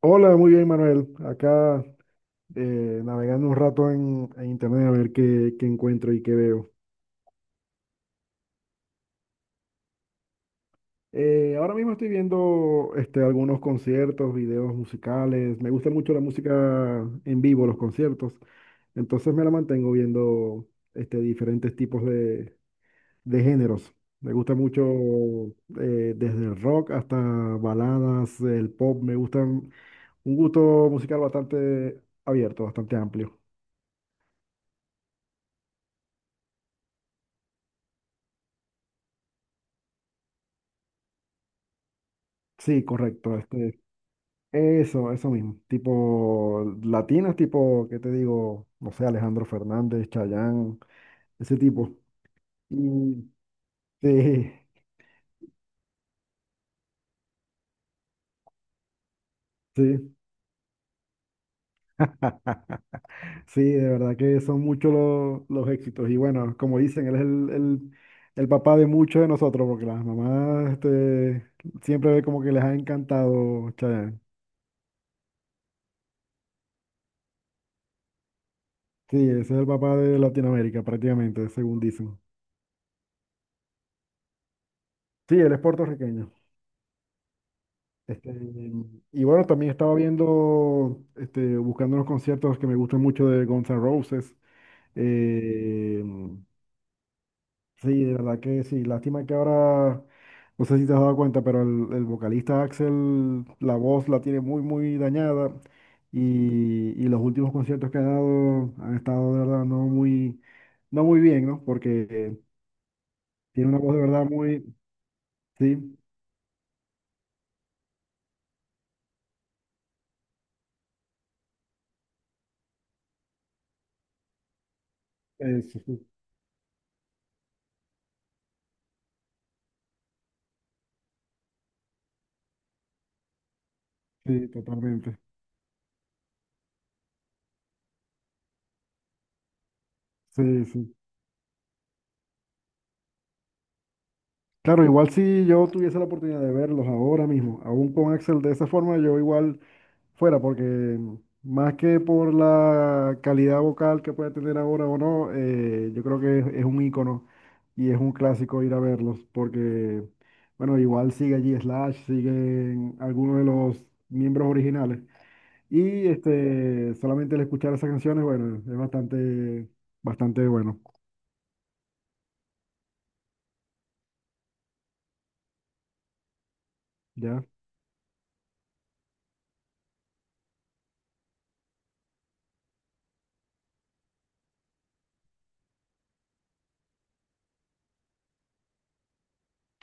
Hola, muy bien, Manuel. Acá navegando un rato en internet a ver qué encuentro y qué veo. Ahora mismo estoy viendo algunos conciertos, videos musicales. Me gusta mucho la música en vivo, los conciertos. Entonces me la mantengo viendo diferentes tipos de géneros. Me gusta mucho desde el rock hasta baladas, el pop. Me gustan un gusto musical bastante abierto, bastante amplio. Sí, correcto. Eso, eso mismo. Tipo latinos, tipo, ¿qué te digo? No sé, Alejandro Fernández, Chayanne, ese tipo. Y sí, sí. Sí, de verdad que son muchos los éxitos. Y bueno, como dicen, él es el papá de muchos de nosotros, porque las mamás siempre como que les ha encantado Chayanne. Sí, ese es el papá de Latinoamérica, prácticamente, según dicen. Sí, él es puertorriqueño. Este, y bueno, también estaba viendo, buscando unos conciertos que me gustan mucho de Guns N' Roses. Eh, sí, de verdad que sí. Lástima que ahora, no sé si te has dado cuenta, pero el vocalista Axel, la voz la tiene muy, muy dañada. Y los últimos conciertos que ha dado han estado de verdad no muy bien, ¿no? Porque tiene una voz de verdad muy, sí, sí, sí, sí, totalmente. Sí, sí. Claro, igual si yo tuviese la oportunidad de verlos ahora mismo, aún con Axel de esa forma, yo igual fuera, porque más que por la calidad vocal que puede tener ahora o no, yo creo que es un ícono y es un clásico ir a verlos, porque, bueno, igual sigue allí Slash, siguen algunos de los miembros originales. Y solamente el escuchar esas canciones, bueno, es bastante, bastante bueno, ¿ya?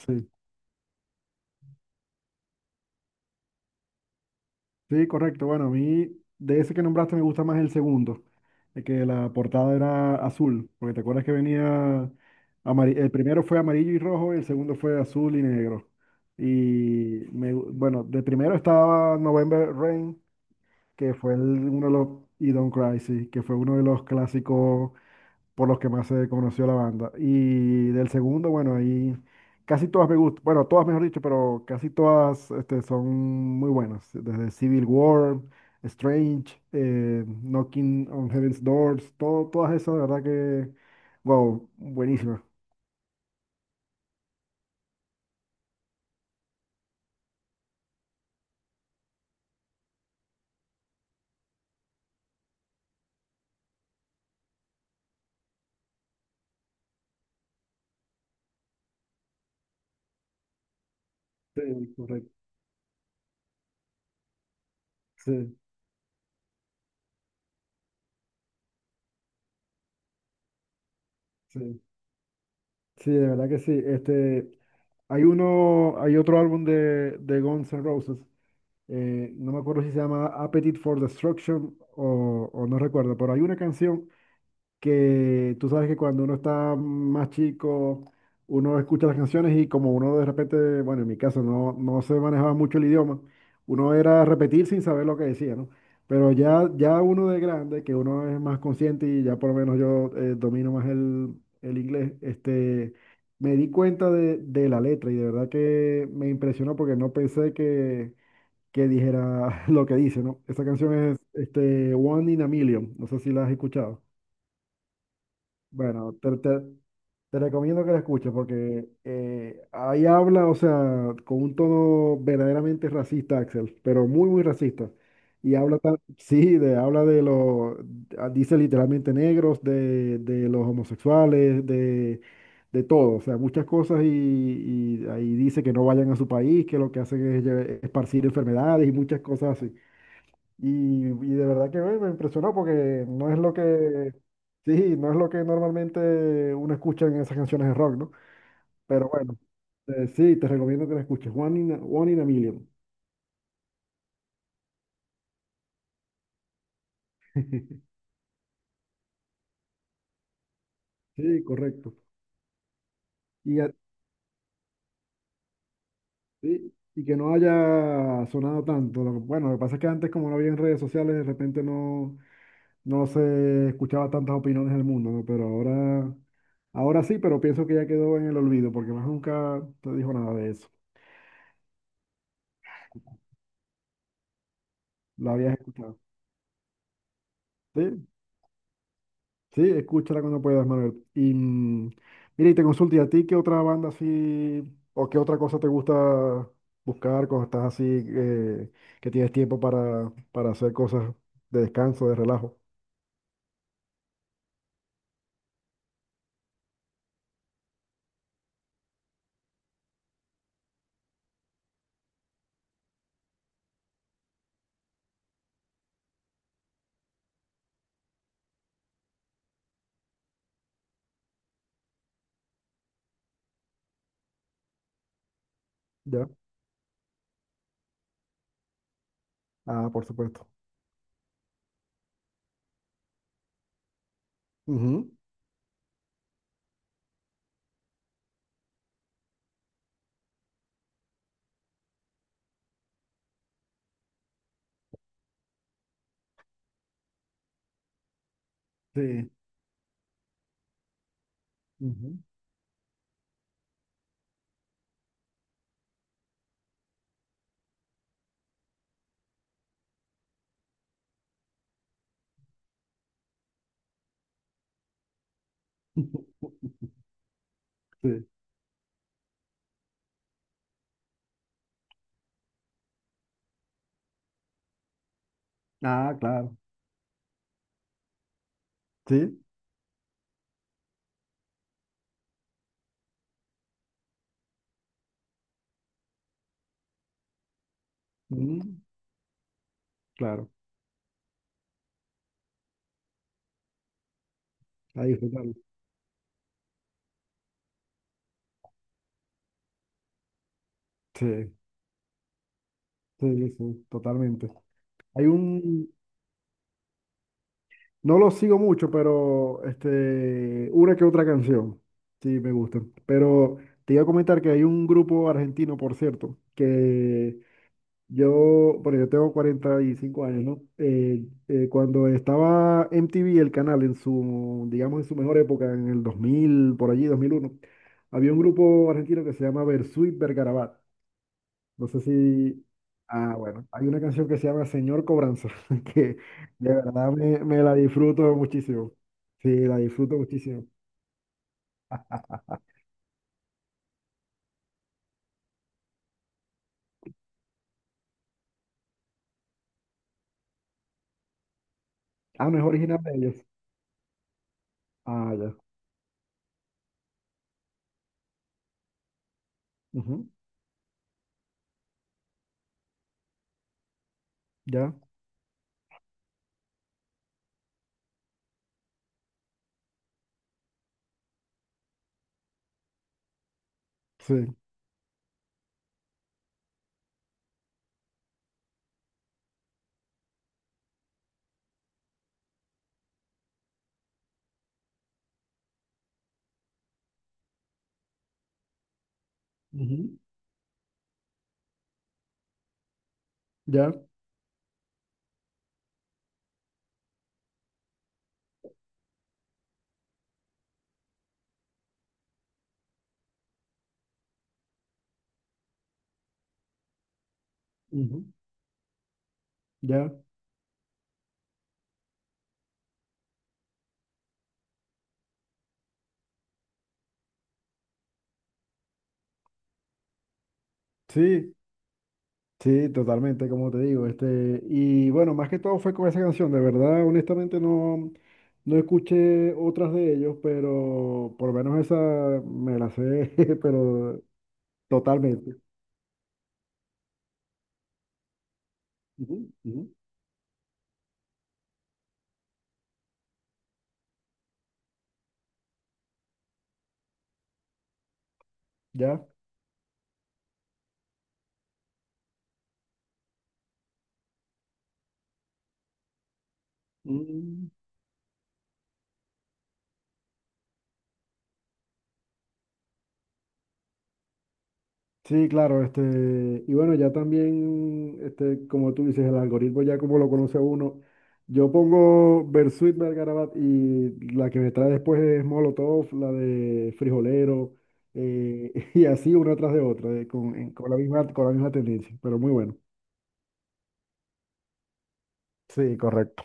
Sí. Sí, correcto. Bueno, a mí de ese que nombraste me gusta más el segundo, de que la portada era azul, porque te acuerdas que venía el primero fue amarillo y rojo, y el segundo fue azul y negro. Y bueno, de primero estaba November Rain, que fue uno de los, y Don't Cry, sí, que fue uno de los clásicos por los que más se conoció la banda. Y del segundo, bueno, ahí casi todas me gustan, bueno, todas mejor dicho, pero casi todas son muy buenas, desde Civil War, Strange, Knocking on Heaven's Doors, todo, todas esas, de verdad que, wow, buenísimas. Sí, correcto. Sí, sí. Sí, de verdad que sí. Hay otro álbum de Guns N' Roses. No me acuerdo si se llama Appetite for Destruction o no recuerdo, pero hay una canción que tú sabes que cuando uno está más chico, uno escucha las canciones y como uno de repente, bueno, en mi caso no se manejaba mucho el idioma, uno era repetir sin saber lo que decía, ¿no? Pero ya uno de grande, que uno es más consciente y ya por lo menos yo domino más el inglés, me di cuenta de la letra y de verdad que me impresionó porque no pensé que dijera lo que dice, ¿no? Esa canción es One in a Million, no sé si la has escuchado. Bueno, te recomiendo que la escuches porque ahí habla, o sea, con un tono verdaderamente racista, Axel, pero muy, muy racista. Y habla, sí, de, habla de los, ah, dice literalmente negros, de los homosexuales, de todo, o sea, muchas cosas y ahí dice que no vayan a su país, que lo que hacen es esparcir enfermedades y muchas cosas así. Y de verdad que bueno, me impresionó porque no es lo que, sí, no es lo que normalmente uno escucha en esas canciones de rock, ¿no? Pero bueno, sí, te recomiendo que la escuches. One in a Million. Sí, correcto. Y, a- sí, y que no haya sonado tanto. Bueno, lo que pasa es que antes, como no había en redes sociales, de repente no se escuchaba tantas opiniones del mundo, ¿no? Pero ahora sí, pero pienso que ya quedó en el olvido porque más nunca te dijo nada de eso. Lo habías escuchado. ¿Sí? Sí, escúchala cuando puedas, Manuel. Y mira, y te consulto, ¿y a ti qué otra banda así, o qué otra cosa te gusta buscar cuando estás así, que tienes tiempo para hacer cosas de descanso, de relajo? ¿Ya? Ah, por supuesto. Ujú, sí. Ujú, sí. Ah, claro. Sí. Mm, claro. Ahí disfrutarlo. Sí, sí, sí, totalmente. Hay un, No lo sigo mucho, pero una que otra canción. Sí, me gusta. Pero te iba a comentar que hay un grupo argentino, por cierto, que yo, bueno, yo tengo 45 años, ¿no? Cuando estaba MTV, el canal, en su, digamos, en su mejor época, en el 2000 por allí, 2001 había un grupo argentino que se llama Versuit Vergarabat. No sé si... Ah, bueno, hay una canción que se llama Señor Cobranza, que de verdad me la disfruto muchísimo. Sí, la disfruto muchísimo. Ah, no es original de ellos. Ah, ya. Ujú, ya, sí. Ujú, ya, ujú, ya. Sí, sí, totalmente, como te digo. Y bueno, más que todo fue con esa canción. De verdad, honestamente, no escuché otras de ellos, pero por lo menos esa me la sé, pero totalmente. Ujú, ujú. ¿Ya? Mm, sí, claro, y bueno, ya también, como tú dices, el algoritmo ya como lo conoce uno, yo pongo Bersuit Bergarabat y la que me trae después es Molotov, la de Frijolero, y así una tras de otra, con la misma tendencia, pero muy bueno. Sí, correcto.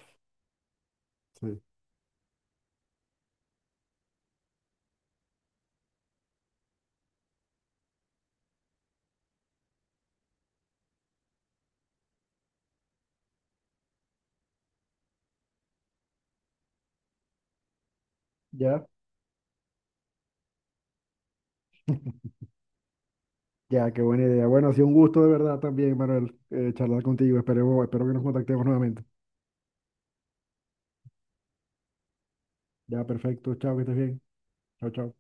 Sí. Ya, ya, qué buena idea. Bueno, ha sido un gusto de verdad también, Manuel, charlar contigo. Espero que nos contactemos nuevamente. Ya, perfecto. Chao, que estés bien. Chao, chao.